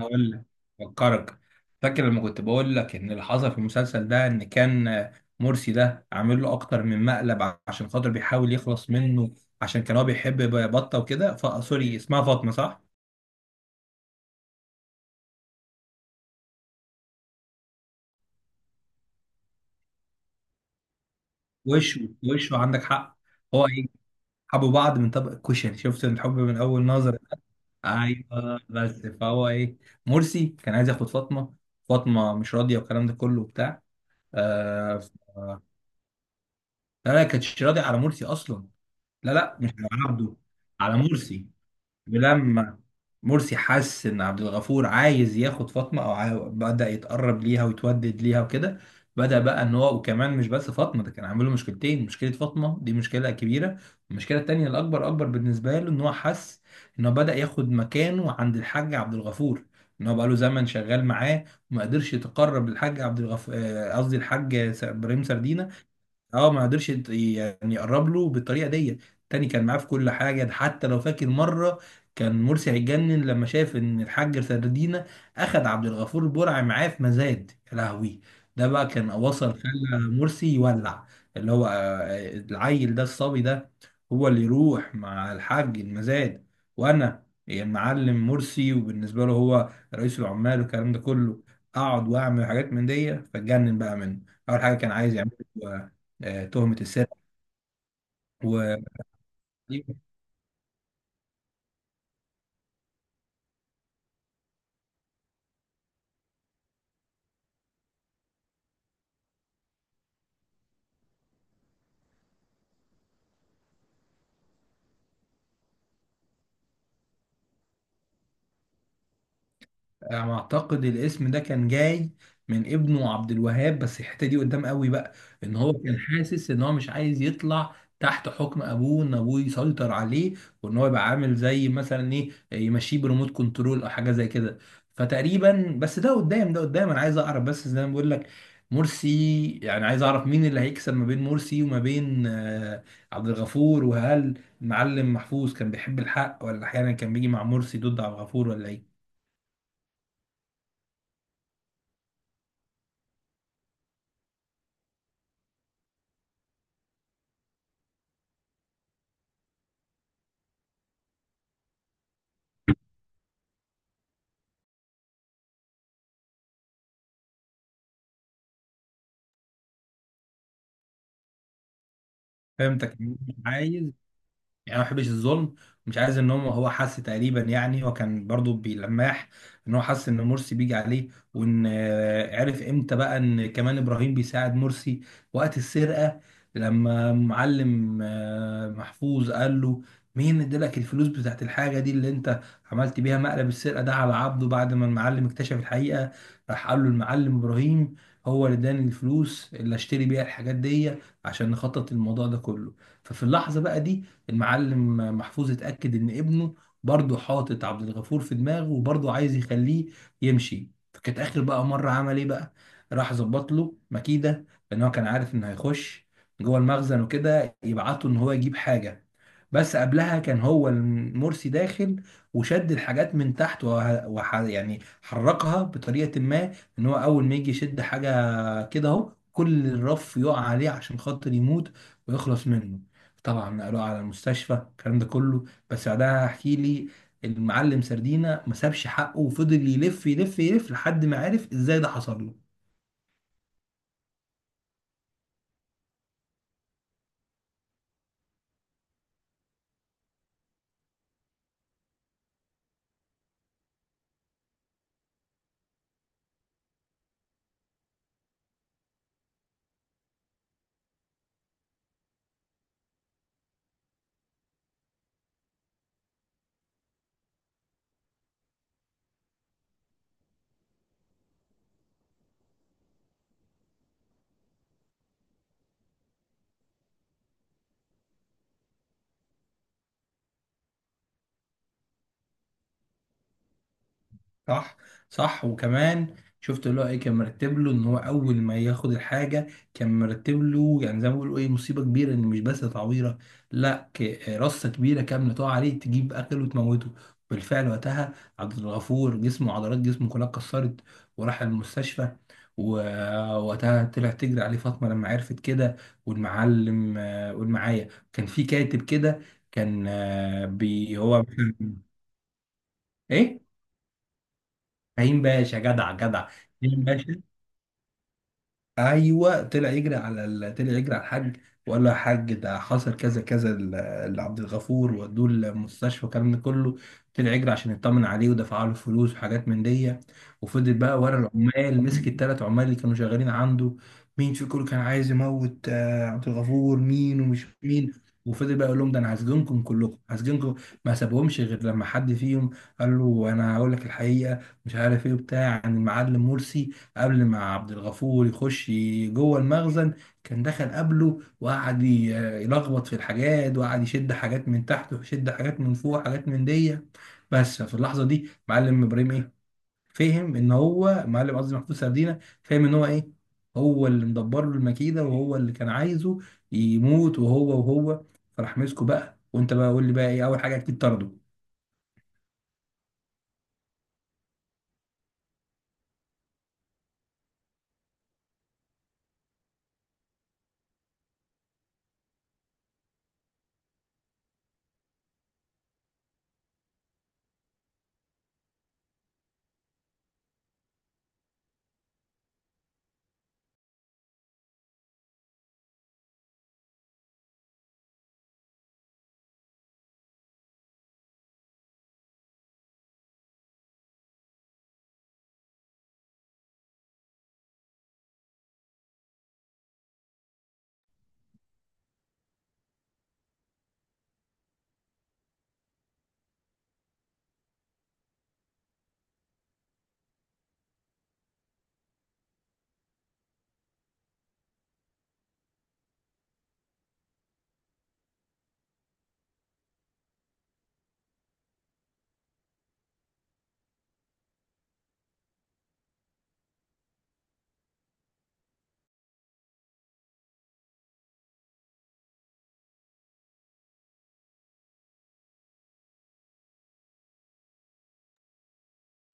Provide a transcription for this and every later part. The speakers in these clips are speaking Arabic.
هقول لك. فكرك، فاكر لما كنت بقول لك ان اللي حصل في المسلسل ده ان كان مرسي ده عامل له اكتر من مقلب عشان خاطر بيحاول يخلص منه؟ عشان كان هو بيحب بطه وكده، سوري اسمها فاطمه صح؟ وشه وشه عندك حق. هو ايه، حبوا بعض من طبق الكشري، شفت الحب من اول نظر. ايوه، بس فهو ايه، مرسي كان عايز ياخد فاطمه، فاطمه مش راضيه والكلام ده كله وبتاع. آه ف- لا لا، كانتش راضيه على مرسي اصلا. لا لا، مش على عبده، على مرسي. ولما مرسي حس ان عبد الغفور عايز ياخد فاطمه او بدأ يتقرب ليها ويتودد ليها وكده، بدأ بقى ان هو وكمان مش بس فاطمه، ده كان عامل له مشكلتين، مشكله فاطمه دي مشكله كبيره، والمشكله التانيه الاكبر، اكبر بالنسبه له، ان هو حس ان هو بدأ ياخد مكانه عند الحاج عبد الغفور، ان هو بقى له زمن شغال معاه وما قدرش يتقرب للحاج عبد الغفور. قصدي الحاج ابراهيم سردينه. اه، ما قدرش يعني يقرب له بالطريقه دي تاني. كان معاه في كل حاجه. ده حتى لو فاكر مره، كان مرسي هيتجنن لما شاف ان الحاج سردينة اخد عبد الغفور البرعي معاه في مزاد، يا لهوي، ده بقى كان وصل خلى مرسي يولع. اللي هو العيل ده، الصبي ده، هو اللي يروح مع الحاج المزاد، وانا يعني معلم مرسي وبالنسبه له هو رئيس العمال والكلام ده كله. اقعد واعمل حاجات من دي، فاتجنن بقى منه. اول حاجه كان عايز يعمل تهمة السرقة و... دي. انا اعتقد الاسم ده كان جاي من ابنه عبد الوهاب، بس الحته دي قدام قوي بقى، ان هو كان حاسس ان هو مش عايز يطلع تحت حكم ابوه، ان ابوه يسيطر عليه وان هو يبقى عامل زي مثلا ايه، يمشيه بريموت كنترول او حاجه زي كده. فتقريبا، بس ده قدام، ده قدام. انا عايز اعرف بس زي ما بقول لك، مرسي، يعني عايز اعرف مين اللي هيكسب ما بين مرسي وما بين عبد الغفور، وهل معلم محفوظ كان بيحب الحق ولا احيانا كان بيجي مع مرسي ضد عبد الغفور، ولا ايه؟ فهمتك. عايز يعني أنا ما بحبش الظلم. مش عايز ان هو، هو حس تقريبا، يعني هو كان برضو بيلمح ان هو حس ان مرسي بيجي عليه، وان عرف امتى بقى ان كمان ابراهيم بيساعد مرسي وقت السرقه، لما معلم محفوظ قال له مين ادالك الفلوس بتاعت الحاجه دي اللي انت عملت بيها مقلب السرقه ده على عبده، بعد ما المعلم اكتشف الحقيقه. راح قال له المعلم ابراهيم هو اللي اداني الفلوس اللي اشتري بيها الحاجات دي عشان نخطط الموضوع ده كله. ففي اللحظه بقى دي، المعلم محفوظ اتأكد إن ابنه برضه حاطط عبد الغفور في دماغه وبرضه عايز يخليه يمشي. فكانت آخر بقى مرة عمل إيه بقى، راح ظبط له مكيدة، لأن هو كان عارف إنه هيخش جوه المخزن وكده، يبعته إن هو يجيب حاجة. بس قبلها كان هو المرسي داخل وشد الحاجات من تحت يعني حركها بطريقة ما، ان هو اول ما يجي يشد حاجه كده اهو، كل الرف يقع عليه عشان خاطر يموت ويخلص منه. طبعا نقلوه على المستشفى، الكلام ده كله. بس بعدها احكي لي. المعلم سردينا ما سابش حقه، وفضل يلف يلف يلف لحد ما عرف ازاي ده حصل له. صح، صح. وكمان شفت اللي هو ايه، كان مرتب له ان هو اول ما ياخد الحاجه، كان مرتب له يعني زي ما بيقولوا ايه، مصيبه كبيره، ان مش بس تعويره، لا، رصه كبيره كامله تقع عليه تجيب اكل وتموته. بالفعل وقتها عبد الغفور جسمه، عضلات جسمه كلها اتكسرت، وراح المستشفى. ووقتها طلع تجري عليه فاطمه لما عرفت كده، والمعلم والمعايا. كان في كاتب كده، كان آه، بي هو ايه، فهيم باشا، جدع جدع، فهيم باشا. ايوه، طلع يجري على الحاج، وقال له يا حاج ده حصل كذا كذا لعبد الغفور ودوه المستشفى والكلام ده كله. طلع يجري عشان يطمن عليه ودفع له فلوس وحاجات من دي، وفضل بقى ورا العمال، مسك الثلاث عمال اللي كانوا شغالين عنده، مين في كله كان عايز يموت عبد الغفور، مين ومش مين. وفضل بقى يقول لهم ده انا هسجنكم كلكم، هسجنكم. ما سابهمش غير لما حد فيهم قال له انا هقول لك الحقيقه. مش عارف ايه بتاع عن المعلم مرسي، قبل ما عبد الغفور يخش جوه المخزن، كان دخل قبله وقعد يلخبط في الحاجات، وقعد يشد حاجات من تحت ويشد حاجات من فوق وحاجات من دي. بس في اللحظه دي معلم ابراهيم ايه، فهم ان هو معلم، قصدي محمود سردينه، فهم ان هو ايه، هو اللي مدبر له المكيده وهو اللي كان عايزه يموت، وهو فراح مسكه بقى. وانت بقى قول لي بقى ايه، اول حاجه اكيد طرده؟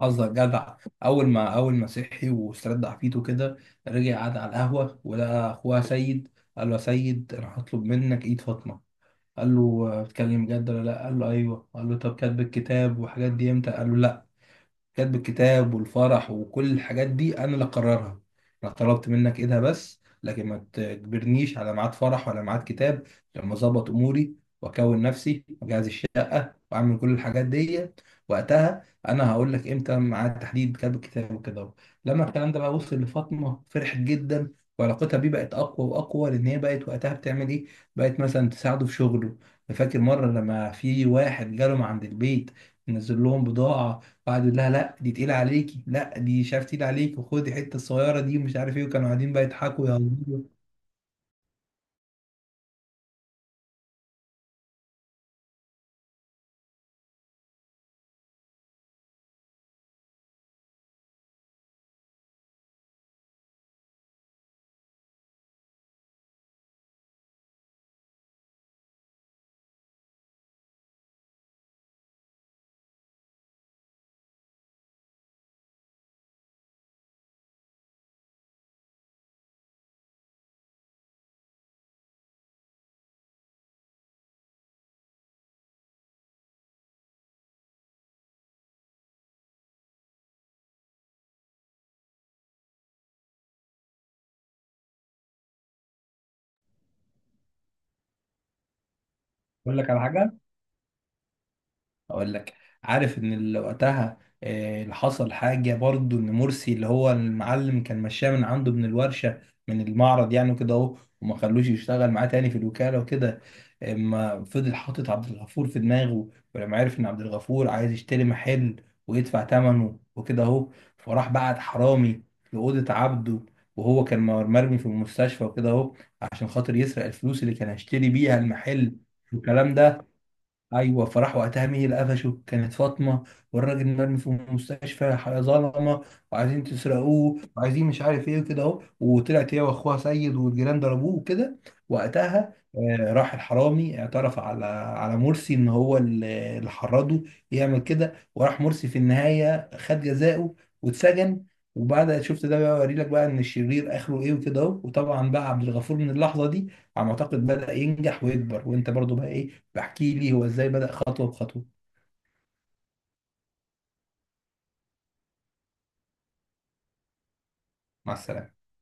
قصدك جدع. اول ما صحي واسترد عافيته كده، رجع قعد على القهوه ولقى اخوها سيد، قال له يا سيد انا هطلب منك ايد فاطمه. قال له بتتكلم جد ولا لا؟ قال له ايوه. قال له طب كاتب الكتاب والحاجات دي امتى؟ قال له لا، كاتب الكتاب والفرح وكل الحاجات دي انا اللي اقررها. انا طلبت منك ايدها، بس لكن ما تجبرنيش على ميعاد فرح ولا ميعاد كتاب. لما اظبط اموري واكون نفسي واجهز الشقه واعمل كل الحاجات دي، وقتها انا هقول لك امتى ميعاد تحديد كتاب الكتاب وكده أهو. لما الكلام ده بقى وصل لفاطمه، فرحت جدا وعلاقتها بيه بقت اقوى واقوى، لان هي بقت وقتها بتعمل ايه، بقت مثلا تساعده في شغله. فاكر مره لما في واحد جاله من عند البيت، نزل لهم بضاعه وقعد يقول لها لا دي تقيله عليكي، لا دي مش عارف تقيله عليكي، وخدي الحته الصغيره دي ومش عارف ايه، وكانوا قاعدين بقى يضحكوا ويهزروا. اقول لك على حاجه. اقول لك، عارف ان اللي وقتها اللي حصل حاجه برضو، ان مرسي، اللي هو المعلم، كان مشاه من عنده من الورشه، من المعرض يعني، وكده اهو، وما خلوش يشتغل معاه تاني في الوكاله وكده. اما فضل حاطط عبد الغفور في دماغه، ولما عرف ان عبد الغفور عايز يشتري محل ويدفع ثمنه وكده اهو، فراح بعت حرامي لاوضه عبده، وهو كان مرمي في المستشفى وكده اهو، عشان خاطر يسرق الفلوس اللي كان هيشتري بيها المحل والكلام ده. ايوه، فراح وقتها، مين اللي قفشه، كانت فاطمه. والراجل مرمي في المستشفى، ظلمه وعايزين تسرقوه وعايزين مش عارف ايه وكده اهو، وطلعت هي واخوها سيد والجيران ضربوه وكده. وقتها راح الحرامي اعترف على مرسي ان هو اللي حرضه يعمل كده. وراح مرسي في النهايه خد جزاؤه واتسجن. وبعد شفت ده بقى، اوري لك بقى ان الشرير اخره ايه وكده اهو. وطبعا بقى عبد الغفور من اللحظه دي، على ما اعتقد، بدأ ينجح ويكبر. وانت برضو بقى ايه، بحكي لي هو ازاي بدأ خطوة بخطوة. مع السلامة.